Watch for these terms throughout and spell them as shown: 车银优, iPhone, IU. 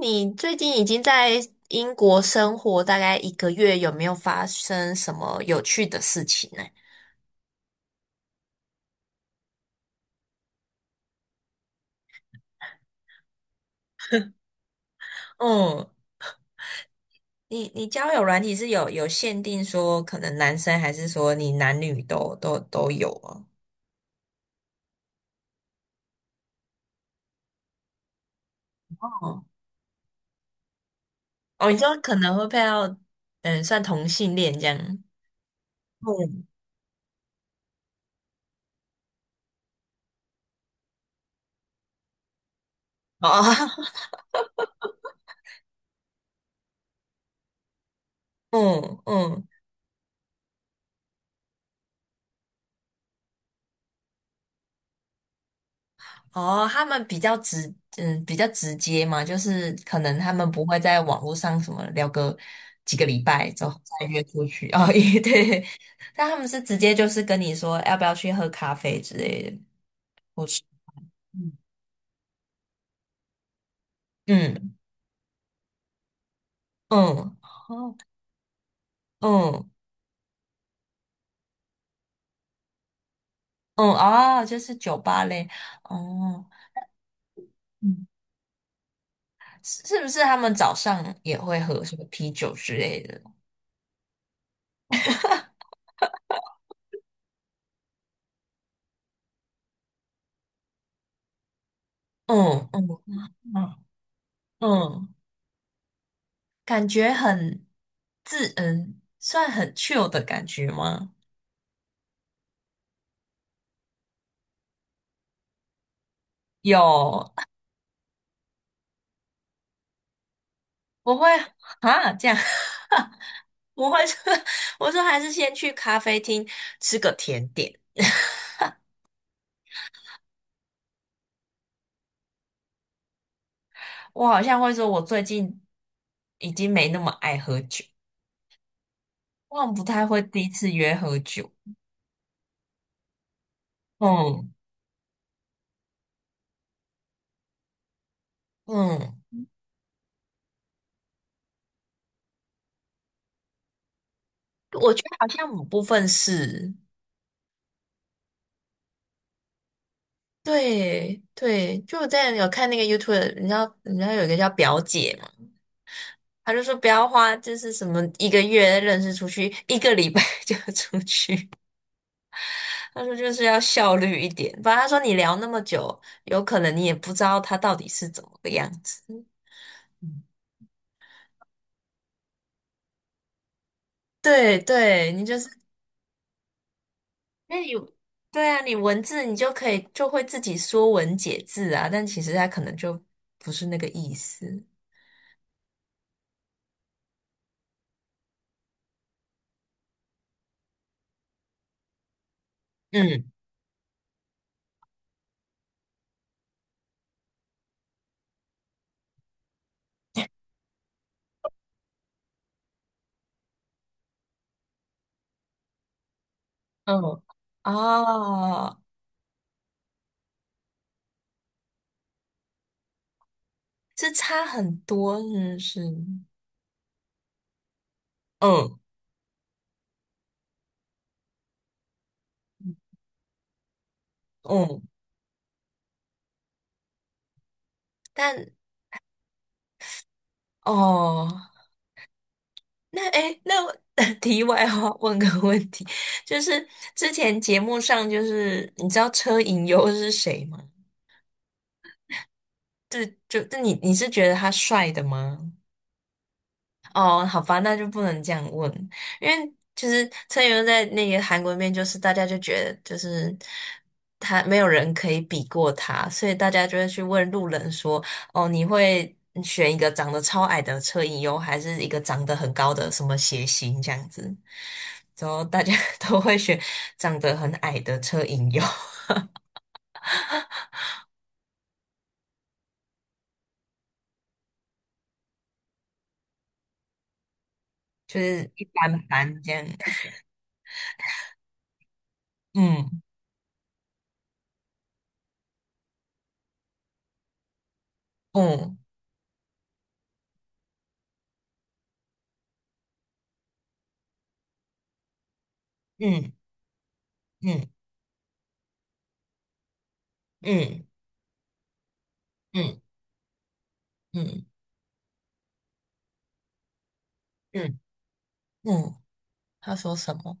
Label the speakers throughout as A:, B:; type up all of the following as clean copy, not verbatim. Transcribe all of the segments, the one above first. A: 你最近已经在英国生活大概一个月，有没有发生什么有趣的事情呢？嗯，你交友软体是有限定说可能男生还是说你男女都有啊？哦，哦，你说可能会配到，嗯，算同性恋这样。嗯，哦，嗯嗯，哦，他们比较直，嗯，比较直接嘛，就是可能他们不会在网络上什么聊个几个礼拜之后再约出去哦，也对，但他们是直接就是跟你说要不要去喝咖啡之类的，或是嗯。嗯。嗯。哦。嗯。嗯。哦，就是酒吧类。哦，嗯，是不是他们早上也会喝什么啤酒之类的？嗯。嗯。嗯。嗯。感觉很自嗯，算很 chill 的感觉吗？有，我会啊这样，我会说，我说还是先去咖啡厅吃个甜点。我好像会说，我最近已经没那么爱喝酒，我好像不太会第一次约喝酒。嗯嗯，我觉得好像某部分是。对对，就我之前有看那个 YouTube，你知道有一个叫表姐他就说不要花，就是什么一个月认识出去，一个礼拜 就要出去。他说就是要效率一点，不然他说你聊那么久，有可能你也不知道他到底是怎么个样子。嗯。对对，你就是因为你对啊，你文字你就可以就会自己说文解字啊，但其实他可能就不是那个意思。嗯嗯，哦，这差很多，是不是。嗯嗯，但哦。那哎诶，那我 题外话问个问题，就是之前节目上，就是你知道车银优是谁吗？就就那你是觉得他帅的吗？哦，好吧，那就不能这样问，因为其实车银优在那个韩国面，就是大家就觉得就是他没有人可以比过他，所以大家就会去问路人说："哦，你会选一个长得超矮的车银优，还是一个长得很高的什么谐星这样子？"然后大家 都会选长得很矮的车银优，就是一般般这样。嗯。嗯。嗯。嗯。嗯。嗯。嗯。嗯。嗯，嗯。他说什么？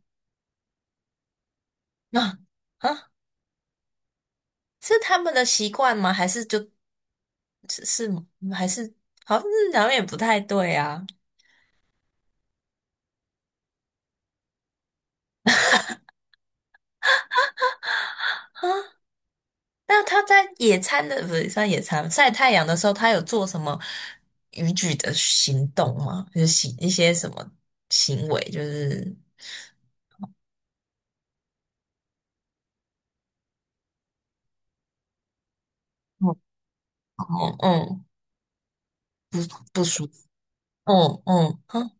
A: 啊。啊，是他们的习惯吗？还是就是是吗还是好像是好像也不太对啊。那他在野餐的不是算野餐晒太阳的时候，他有做什么逾矩的行动吗？就是行一些什么行为，就是嗯。嗯。嗯。不舒服。嗯嗯，哼。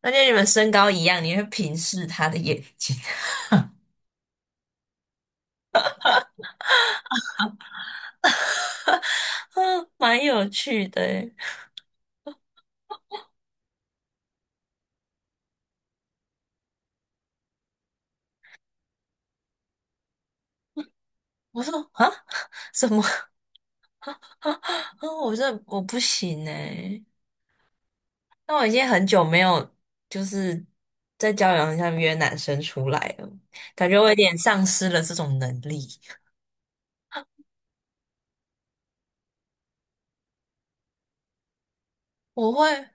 A: 而且你们身高一样，你会平视他的眼睛，嗯，蛮有趣的欸。我说啊，什么？嗯，我这我不行哎。那我已经很久没有就是在交友上约男生出来了，感觉我有点丧失了这种能力。我会，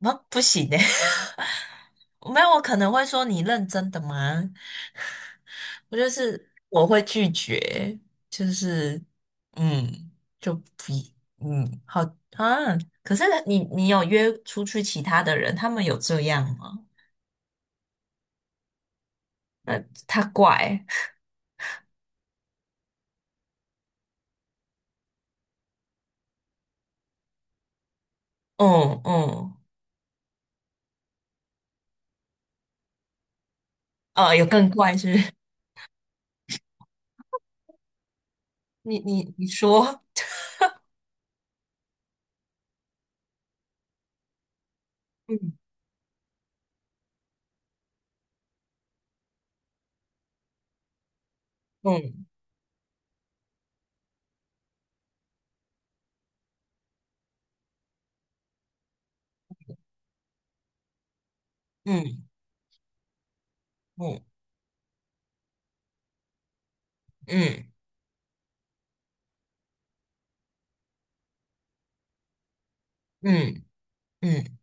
A: 啊，不行的，没有，我可能会说你认真的吗？我就是我会拒绝，就是嗯，就不嗯，好啊。可是你有约出去其他的人，他们有这样吗？那他怪，嗯嗯，哦，有更怪是不是你说，嗯。嗯。嗯。嗯。嗯。嗯。嗯。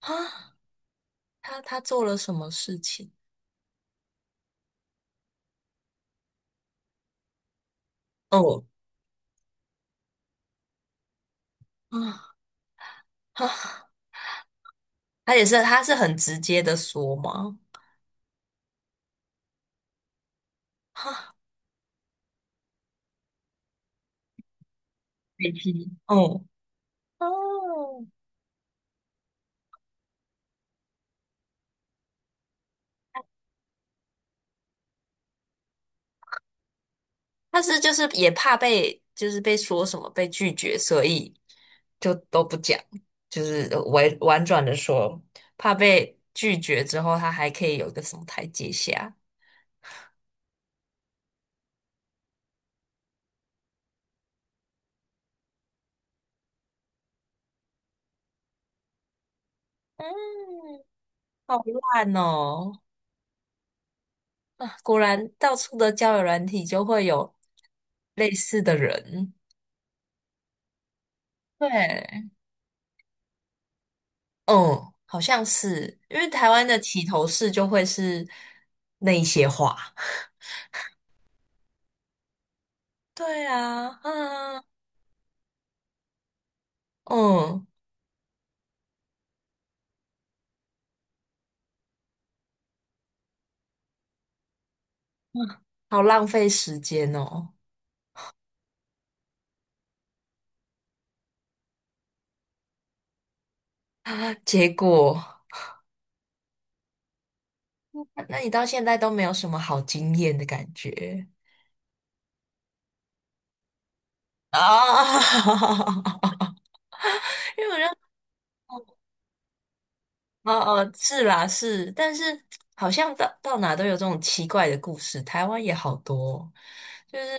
A: 啊，他做了什么事情？哦。啊。啊，他也是他是很直接的说吗？被批。哦。哦，他是就是也怕被就是被说什么被拒绝，所以就都不讲，就是委婉转的说，怕被拒绝之后，他还可以有一个什么台阶下。嗯，好烂哦。啊，果然到处的交友软体就会有类似的人。对，嗯，好像是，因为台湾的起头式就会是那一些话。对啊，啊，嗯，好浪费时间哦。啊，结果，那你到现在都没有什么好经验的感觉啊？因为我就哦哦，是啦是，但是好像到哪都有这种奇怪的故事，台湾也好多哦就是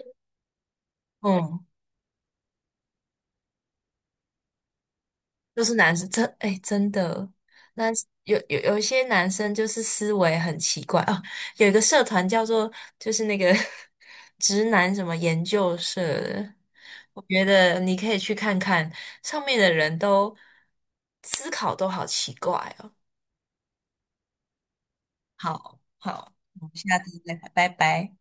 A: 嗯，就是男生真的，那有一些男生就是思维很奇怪哦，有一个社团叫做就是那个 直男什么研究社的，我觉得你可以去看看，上面的人都思考都好奇怪哦，好好，我们下次再聊拜拜。